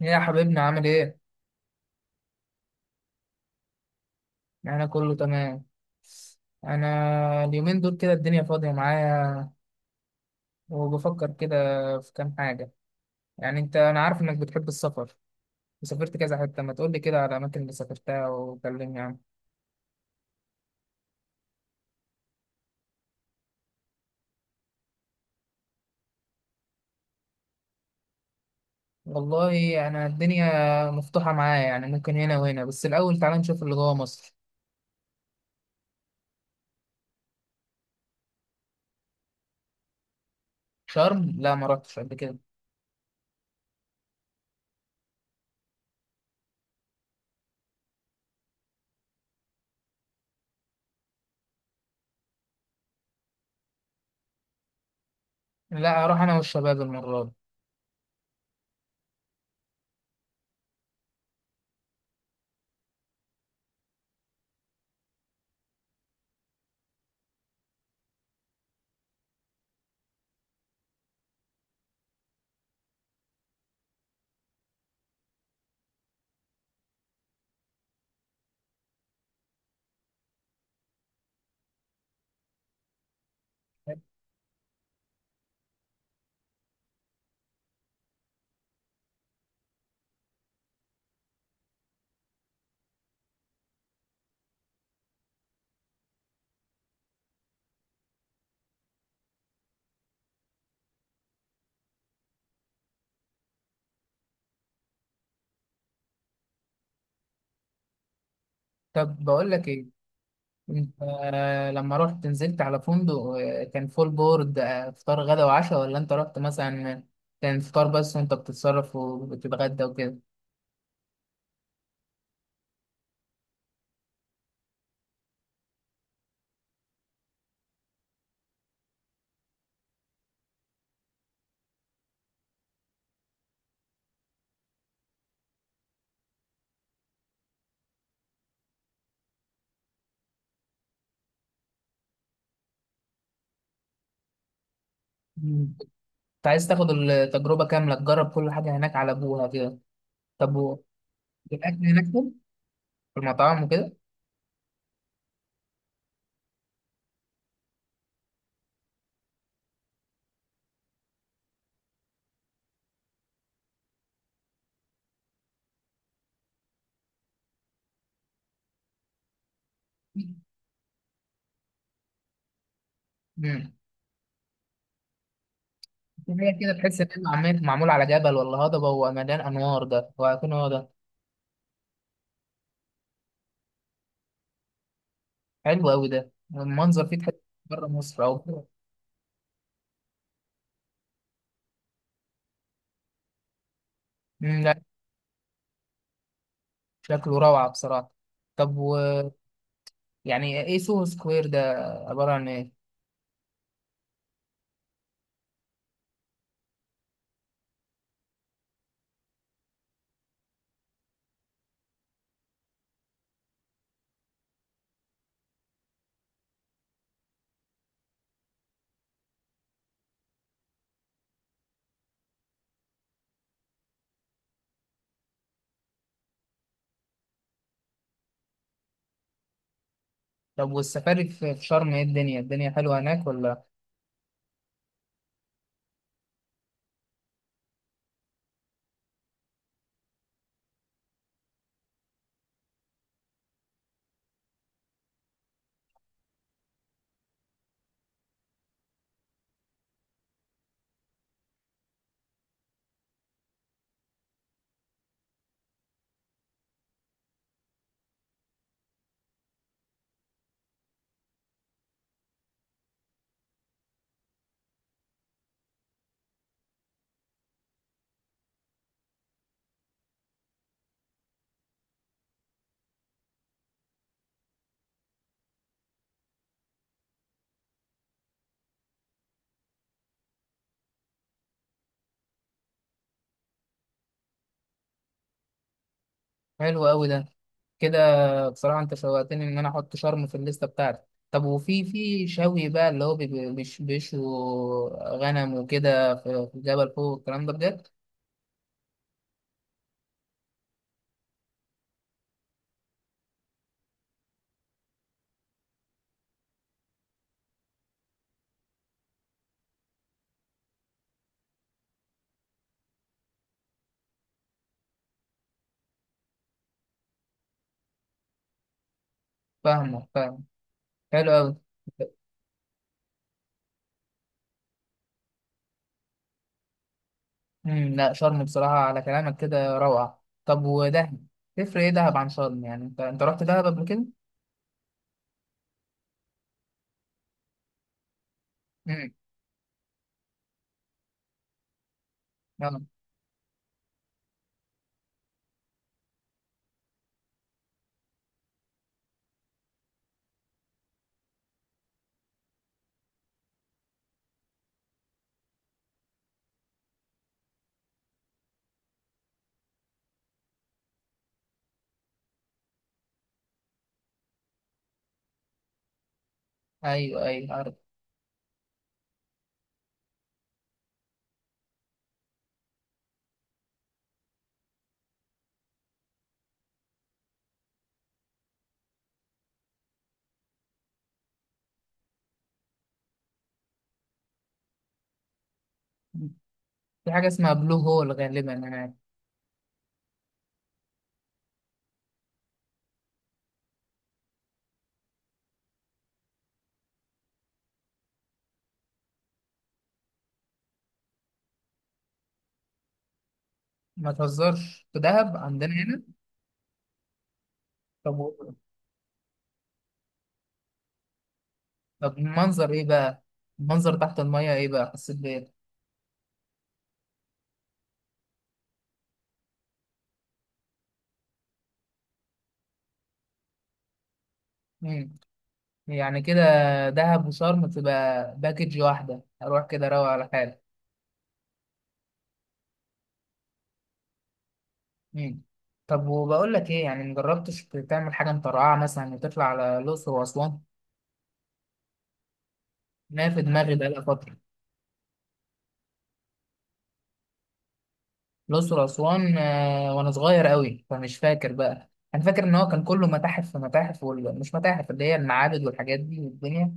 يا حبيبنا عامل ايه؟ انا كله تمام. انا اليومين دول كده الدنيا فاضية معايا وبفكر كده في كام حاجة. يعني انت، انا عارف انك بتحب السفر وسافرت كذا حتة، ما تقولي كده على الاماكن اللي سافرتها وكلمني عنها. والله انا الدنيا مفتوحة معايا، يعني ممكن هنا وهنا، بس الاول تعالى نشوف اللي جوه مصر. شرم لا، ما رحتش قبل كده. لا، اروح انا والشباب المرة دي. طب بقول لك ايه، انت لما رحت نزلت على فندق، كان فول بورد، فطار غدا وعشاء، ولا انت رحت مثلا كان فطار بس وانت بتتصرف وبتتغدى وكده؟ مم. كنت عايز تاخد التجربة كاملة، تجرب كل حاجة هناك على ابوها كده. طب الاكل هناك حلو؟ في المطاعم وكده. امم هي كده تحس ان هي معمول على جبل ولا هضبة ومليان انوار ده، وهيكون هو ده؟ حلو قوي ده، المنظر فيه تحس بره مصر او بره. مم، لا شكله روعة بصراحة. طب يعني ايه سوهو سكوير ده؟ عبارة عن ايه؟ طب والسفاري في شرم، ايه الدنيا الدنيا حلوة هناك ولا؟ حلو قوي ده كده. بصراحة انت شوقتني ان انا احط شرم في الليستة بتاعتي. طب وفي شوي بقى، اللي هو بيشوا غنم وكده في الجبل فوق والكلام ده بجد؟ فاهم حلو قوي. لا، شرم بصراحة على كلامك كده روعة. طب ودهب، تفرق ايه دهب عن شرم؟ يعني انت رحت دهب قبل كده؟ امم يلا. ايوه ايوه، عارف. في حاجة اسمها بلو هول غالبا يعني. ما تهزرش، في دهب عندنا هنا. طب، طب المنظر ايه بقى؟ المنظر تحت المية ايه بقى، حسيت بايه؟ مم. يعني كده دهب وشرم تبقى باكج واحدة، اروح كده اروق على حالي. مم. طب وبقول لك ايه، يعني مجربتش تعمل حاجة مطرقعة مثلا وتطلع على الأقصر وأسوان؟ ما في دماغي بقالها فترة. الأقصر وأسوان وأنا صغير أوي، فمش فاكر بقى. أنا فاكر إن هو كان كله متاحف في متاحف مش متاحف، اللي هي المعابد والحاجات دي والدنيا.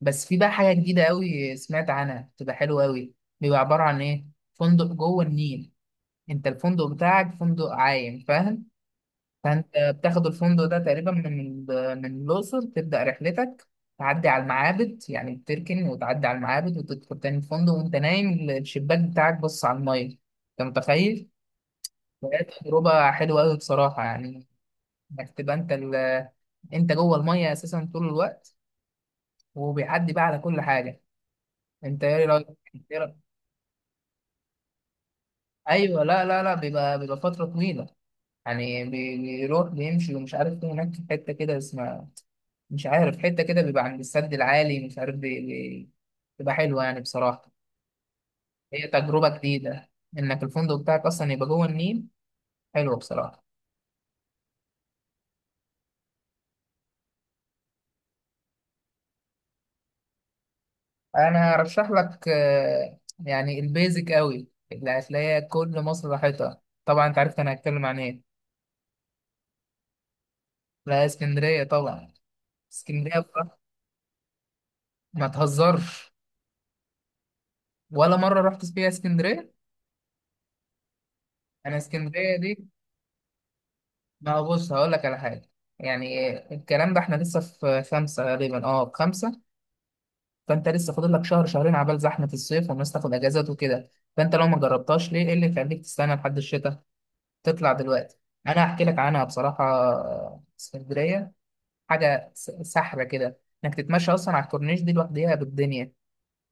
بس في بقى حاجة جديدة أوي سمعت عنها، بتبقى حلوة أوي. بيبقى عبارة عن إيه؟ فندق جوه النيل. أنت الفندق بتاعك فندق عايم، فاهم؟ فأنت بتاخد الفندق ده تقريبا من، من الأقصر تبدأ رحلتك. تعدي على المعابد، يعني بتركن وتعدي على المعابد وتدخل تاني الفندق، وأنت نايم الشباك بتاعك بص على المية. أنت متخيل؟ وهي تجربة حلوة أوي بصراحة، يعني إنك تبقى أنت أنت جوه المية أساسا طول الوقت، وبيعدي بقى على كل حاجة. أنت إيه رأيك؟ إيه رأيك؟ أيوه. لا لا لا، بيبقى فترة طويلة. يعني بيروح بيمشي، ومش عارف فين هناك في حتة كده اسمها، مش عارف حتة كده، بيبقى عند السد العالي، مش عارف بتبقى حلوة يعني بصراحة. هي تجربة جديدة، إنك الفندق بتاعك أصلا يبقى جوه النيل. حلوة بصراحة. انا هرشح لك، يعني البيزك قوي اللي هتلاقيها، كل مصر راحتها طبعا. انت عرفت انا هتكلم عن ايه. لا، اسكندريه طبعا. اسكندريه بقى. ما تهزرش، ولا مره رحت فيها اسكندريه. انا اسكندريه دي، ما هو بص هقول لك على حاجه. يعني الكلام ده احنا لسه في خمسه غالبا، اه في خمسه. فانت لسه فاضل لك شهر شهرين عبال زحمه الصيف والناس تاخد اجازات وكده. فانت لو ما جربتهاش، ليه؟ ايه اللي يخليك تستنى لحد الشتاء؟ تطلع دلوقتي. انا هحكي لك عنها بصراحه، اسكندريه حاجه سحره كده، انك تتمشى اصلا على الكورنيش دي لوحديها بالدنيا.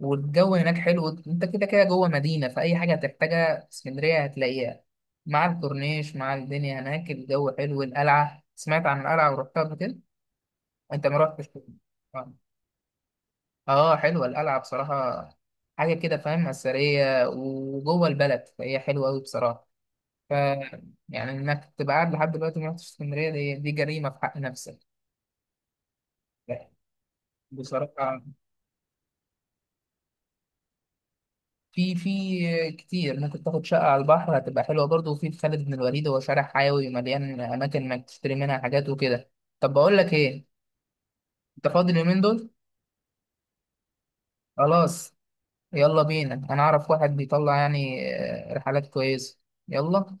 والجو هناك حلو، انت كده كده جوه مدينه، فاي حاجه هتحتاجها في اسكندريه هتلاقيها. مع الكورنيش، مع الدنيا هناك، الجو حلو. القلعه، سمعت عن القلعه ورحتها قبل كده؟ انت ما رحتش. اه، حلوه القلعه بصراحه. حاجه كده فاهم، اثريه وجوه البلد، فهي حلوه قوي بصراحه. ف يعني انك تبقى قاعد لحد دلوقتي ما رحتش اسكندريه، دي جريمه في حق نفسك. لا، بصراحه في كتير. ممكن تاخد شقه على البحر، هتبقى حلوه برضه. وفي خالد بن الوليد، هو شارع حيوي مليان اماكن انك تشتري منها حاجات وكده. طب بقول لك ايه، انت فاضي اليومين دول؟ خلاص، يلا بينا. انا اعرف واحد بيطلع يعني رحلات كويسه. يلا